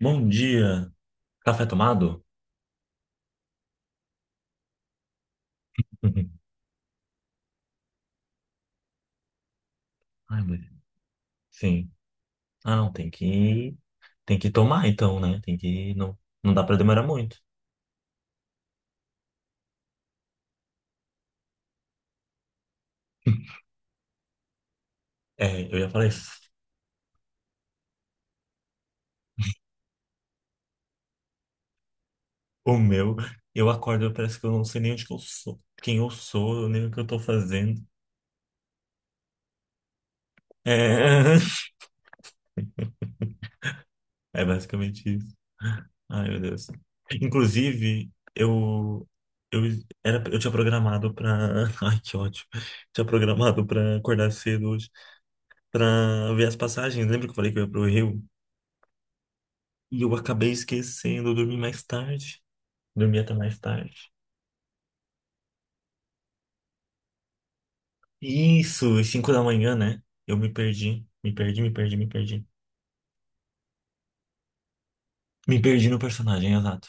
Bom dia. Café tomado? Ai, Sim. Ah, não, tem que tomar então, né? Tem que não não dá pra demorar muito. É, eu ia falar isso. O meu, eu acordo, eu parece que eu não sei nem onde que eu sou, quem eu sou, nem o que eu tô fazendo. É, é basicamente isso. Ai, meu Deus. Inclusive, eu eu tinha programado pra. Ai, que ótimo. Tinha programado pra acordar cedo hoje, pra ver as passagens. Lembra que eu falei que eu ia pro Rio? E eu acabei esquecendo, eu dormi mais tarde. Dormi até mais tarde. Isso, às 5 da manhã, né? Eu me perdi, me perdi, me perdi, me perdi. Me perdi no personagem, exato.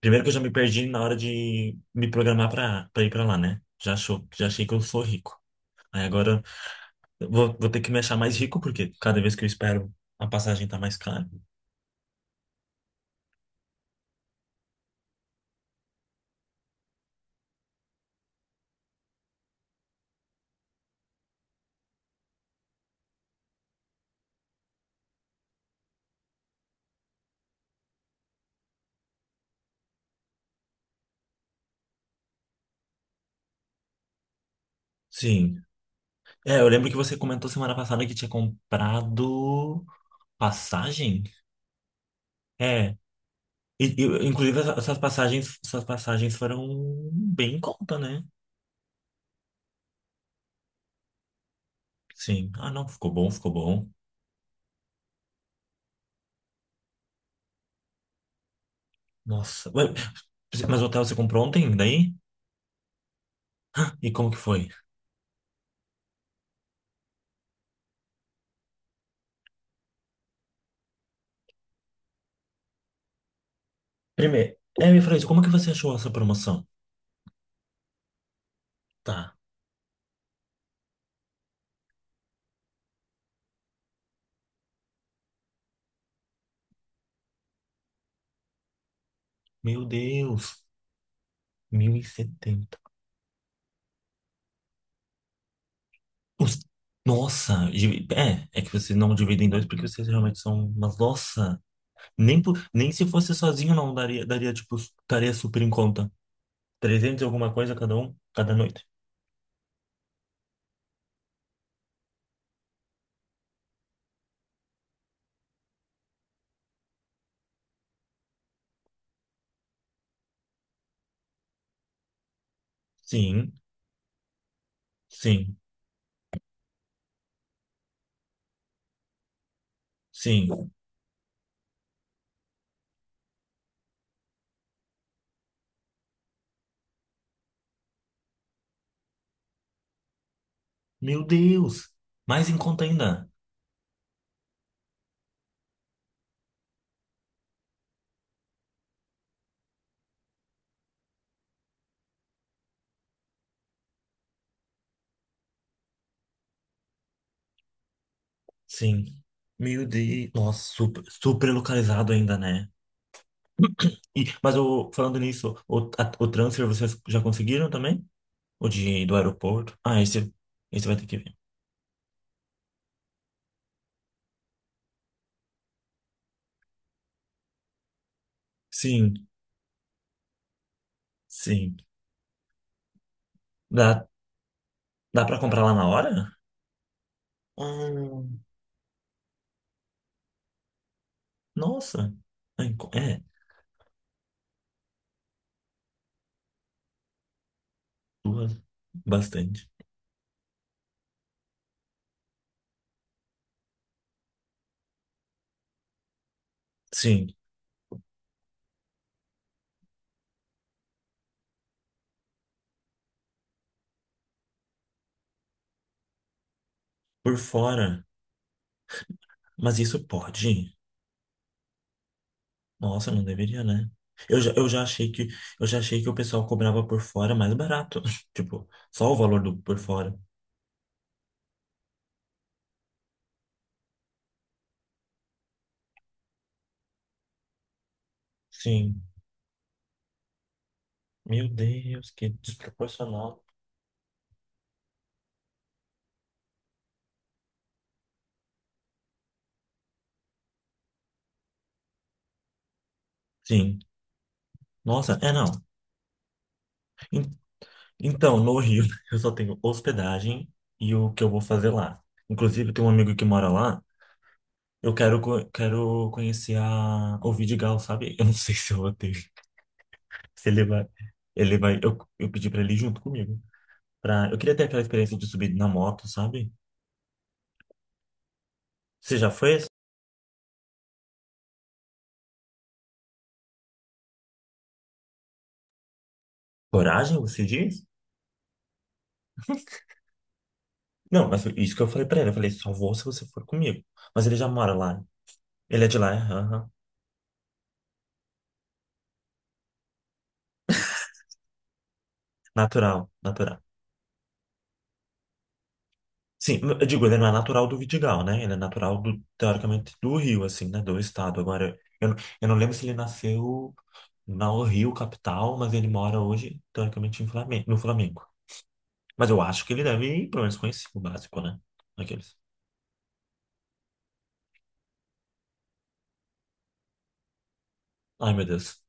Primeiro que eu já me perdi na hora de me programar pra ir pra lá, né? Já achei que eu sou rico. Aí agora eu vou ter que me achar mais rico, porque cada vez que eu espero, a passagem tá mais cara. Sim. É, eu lembro que você comentou semana passada que tinha comprado passagem. É, e, inclusive, essas passagens foram bem em conta, né? Sim. Ah, não, ficou bom, ficou bom. Nossa. Mas o hotel você comprou ontem, daí? E como que foi? Primeiro, me fala isso, como que você achou essa promoção? Tá. Meu Deus, 1.070. Os- Nossa, é que você não divide em dois porque vocês realmente são, mas nossa, nem se fosse sozinho não daria tipo, estaria super em conta. Trezentos e alguma coisa cada um, cada noite. Sim, sim. Sim. Meu Deus! Mais em conta ainda. Sim. Meu Deus. Nossa, super, super localizado ainda, né? Falando nisso, o transfer vocês já conseguiram também? O do aeroporto? Ah, esse vai ter que ver. Sim, sim. Dá, dá pra comprar lá na hora? Hum, nossa. Ah, É, duas. Bastante. Sim, por fora. Mas isso pode? Nossa, não deveria, né? Eu já, eu já achei que eu já achei que o pessoal cobrava por fora mais barato. Tipo, só o valor do por fora. Sim. Meu Deus, que desproporcional. Sim. Nossa, é não. En- Então, no Rio, eu só tenho hospedagem e o que eu vou fazer lá. Inclusive, tem um amigo que mora lá. Eu quero conhecer o Vidigal, sabe? Eu não sei se eu vou ter. Se ele vai. Ele vai. Eu pedi pra ele ir junto comigo. Eu queria ter aquela experiência de subir na moto, sabe? Você já fez coragem, você diz? Não, mas isso que eu falei pra ele, eu falei, só vou se você for comigo. Mas ele já mora lá. Ele é de lá, é, aham. Natural, natural. Sim, eu digo, ele não é natural do Vidigal, né? Ele é natural do, teoricamente, do Rio, assim, né? Do estado. Agora, eu não lembro se ele nasceu no Rio, capital, mas ele mora hoje, teoricamente, no Flamengo. Mas eu acho que ele deve, pelo menos, conhecer o básico, né? Aqueles. Ai, meu Deus.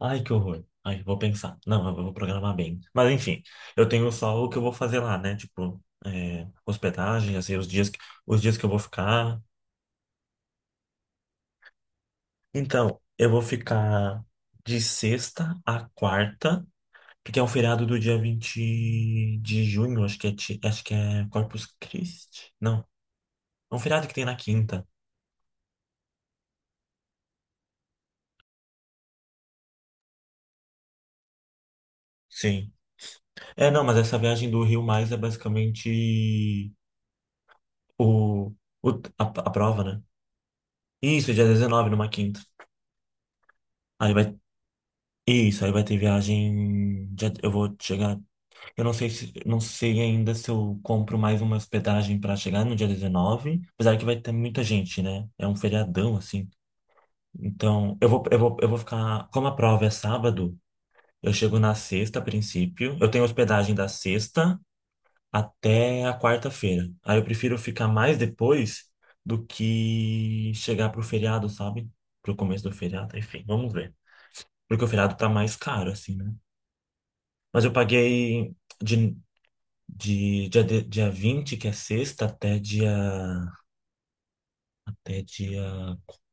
Ai, que horror. Ai, vou pensar. Não, eu vou programar bem. Mas enfim, eu tenho só o que eu vou fazer lá, né? Tipo, hospedagem, já sei os dias, os dias que eu vou ficar. Então, eu vou ficar de sexta a quarta, porque é um feriado do dia 20 de junho, acho que é Corpus Christi. Não, é um feriado que tem na quinta. Sim. É, não, mas essa viagem do Rio Mais é basicamente o, o, a prova, né? Isso, dia 19, numa quinta. Aí vai, Isso. Aí vai ter viagem. Eu vou chegar. Eu não sei se não sei ainda se eu compro mais uma hospedagem para chegar no dia 19, apesar que vai ter muita gente, né? É um feriadão assim. Então, eu vou ficar. Como a prova é sábado, eu chego na sexta a princípio. Eu tenho hospedagem da sexta até a quarta-feira. Aí eu prefiro ficar mais depois do que chegar pro feriado, sabe? Pro começo do feriado, enfim, vamos ver. Porque o feriado tá mais caro, assim, né? Mas eu paguei de, de dia 20 que é sexta, até dia,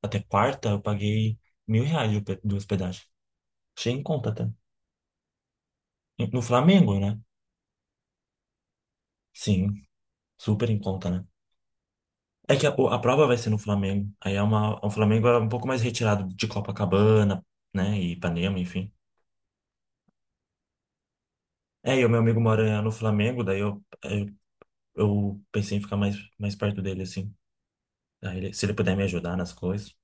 até quarta, eu paguei R$ 1.000 de hospedagem. Achei em conta até. No Flamengo, né? Sim, super em conta, né? É que a prova vai ser no Flamengo. Aí o Flamengo é um pouco mais retirado de Copacabana, né? E Ipanema, enfim. É, e o meu amigo mora no Flamengo, daí eu pensei em ficar mais perto dele, assim. Daí se ele puder me ajudar nas coisas.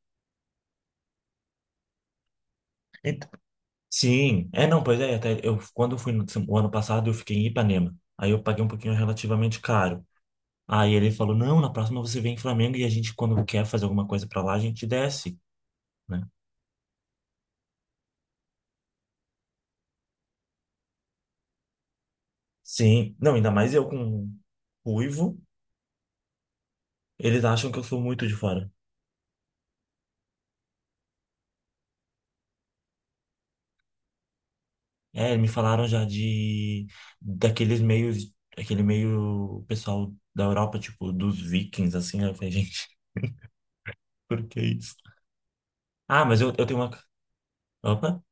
Sim, é não, pois é, até eu quando eu fui no, o ano passado eu fiquei em Ipanema. Aí eu paguei um pouquinho relativamente caro. Aí ele falou: "Não, na próxima você vem em Flamengo e a gente quando quer fazer alguma coisa pra lá, a gente desce", né? Sim. Não, ainda mais eu com ruivo, eles acham que eu sou muito de fora. É, me falaram já de daqueles meios, aquele meio pessoal da Europa, tipo dos vikings assim, né? Eu falei, gente, por que isso? Ah, mas eu tenho uma Opa.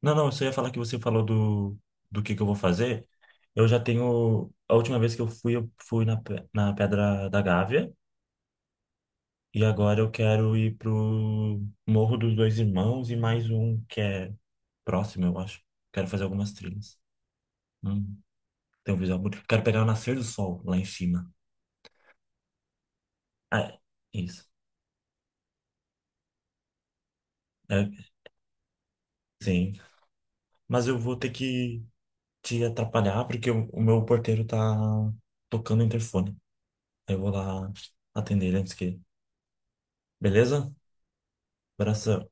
Não, não, eu só ia falar que você falou do que eu vou fazer. Eu já tenho. A última vez que eu fui na Pedra da Gávea. E agora eu quero ir pro Morro dos Dois Irmãos e mais um que é próximo, eu acho. Quero fazer algumas trilhas. Hum, tem um visual bonito. Quero pegar o nascer do sol lá em cima. Ah, é, isso. É, sim. Mas eu vou ter que te atrapalhar porque o meu porteiro tá tocando o interfone. Eu vou lá atender ele antes que. Beleza? Abração.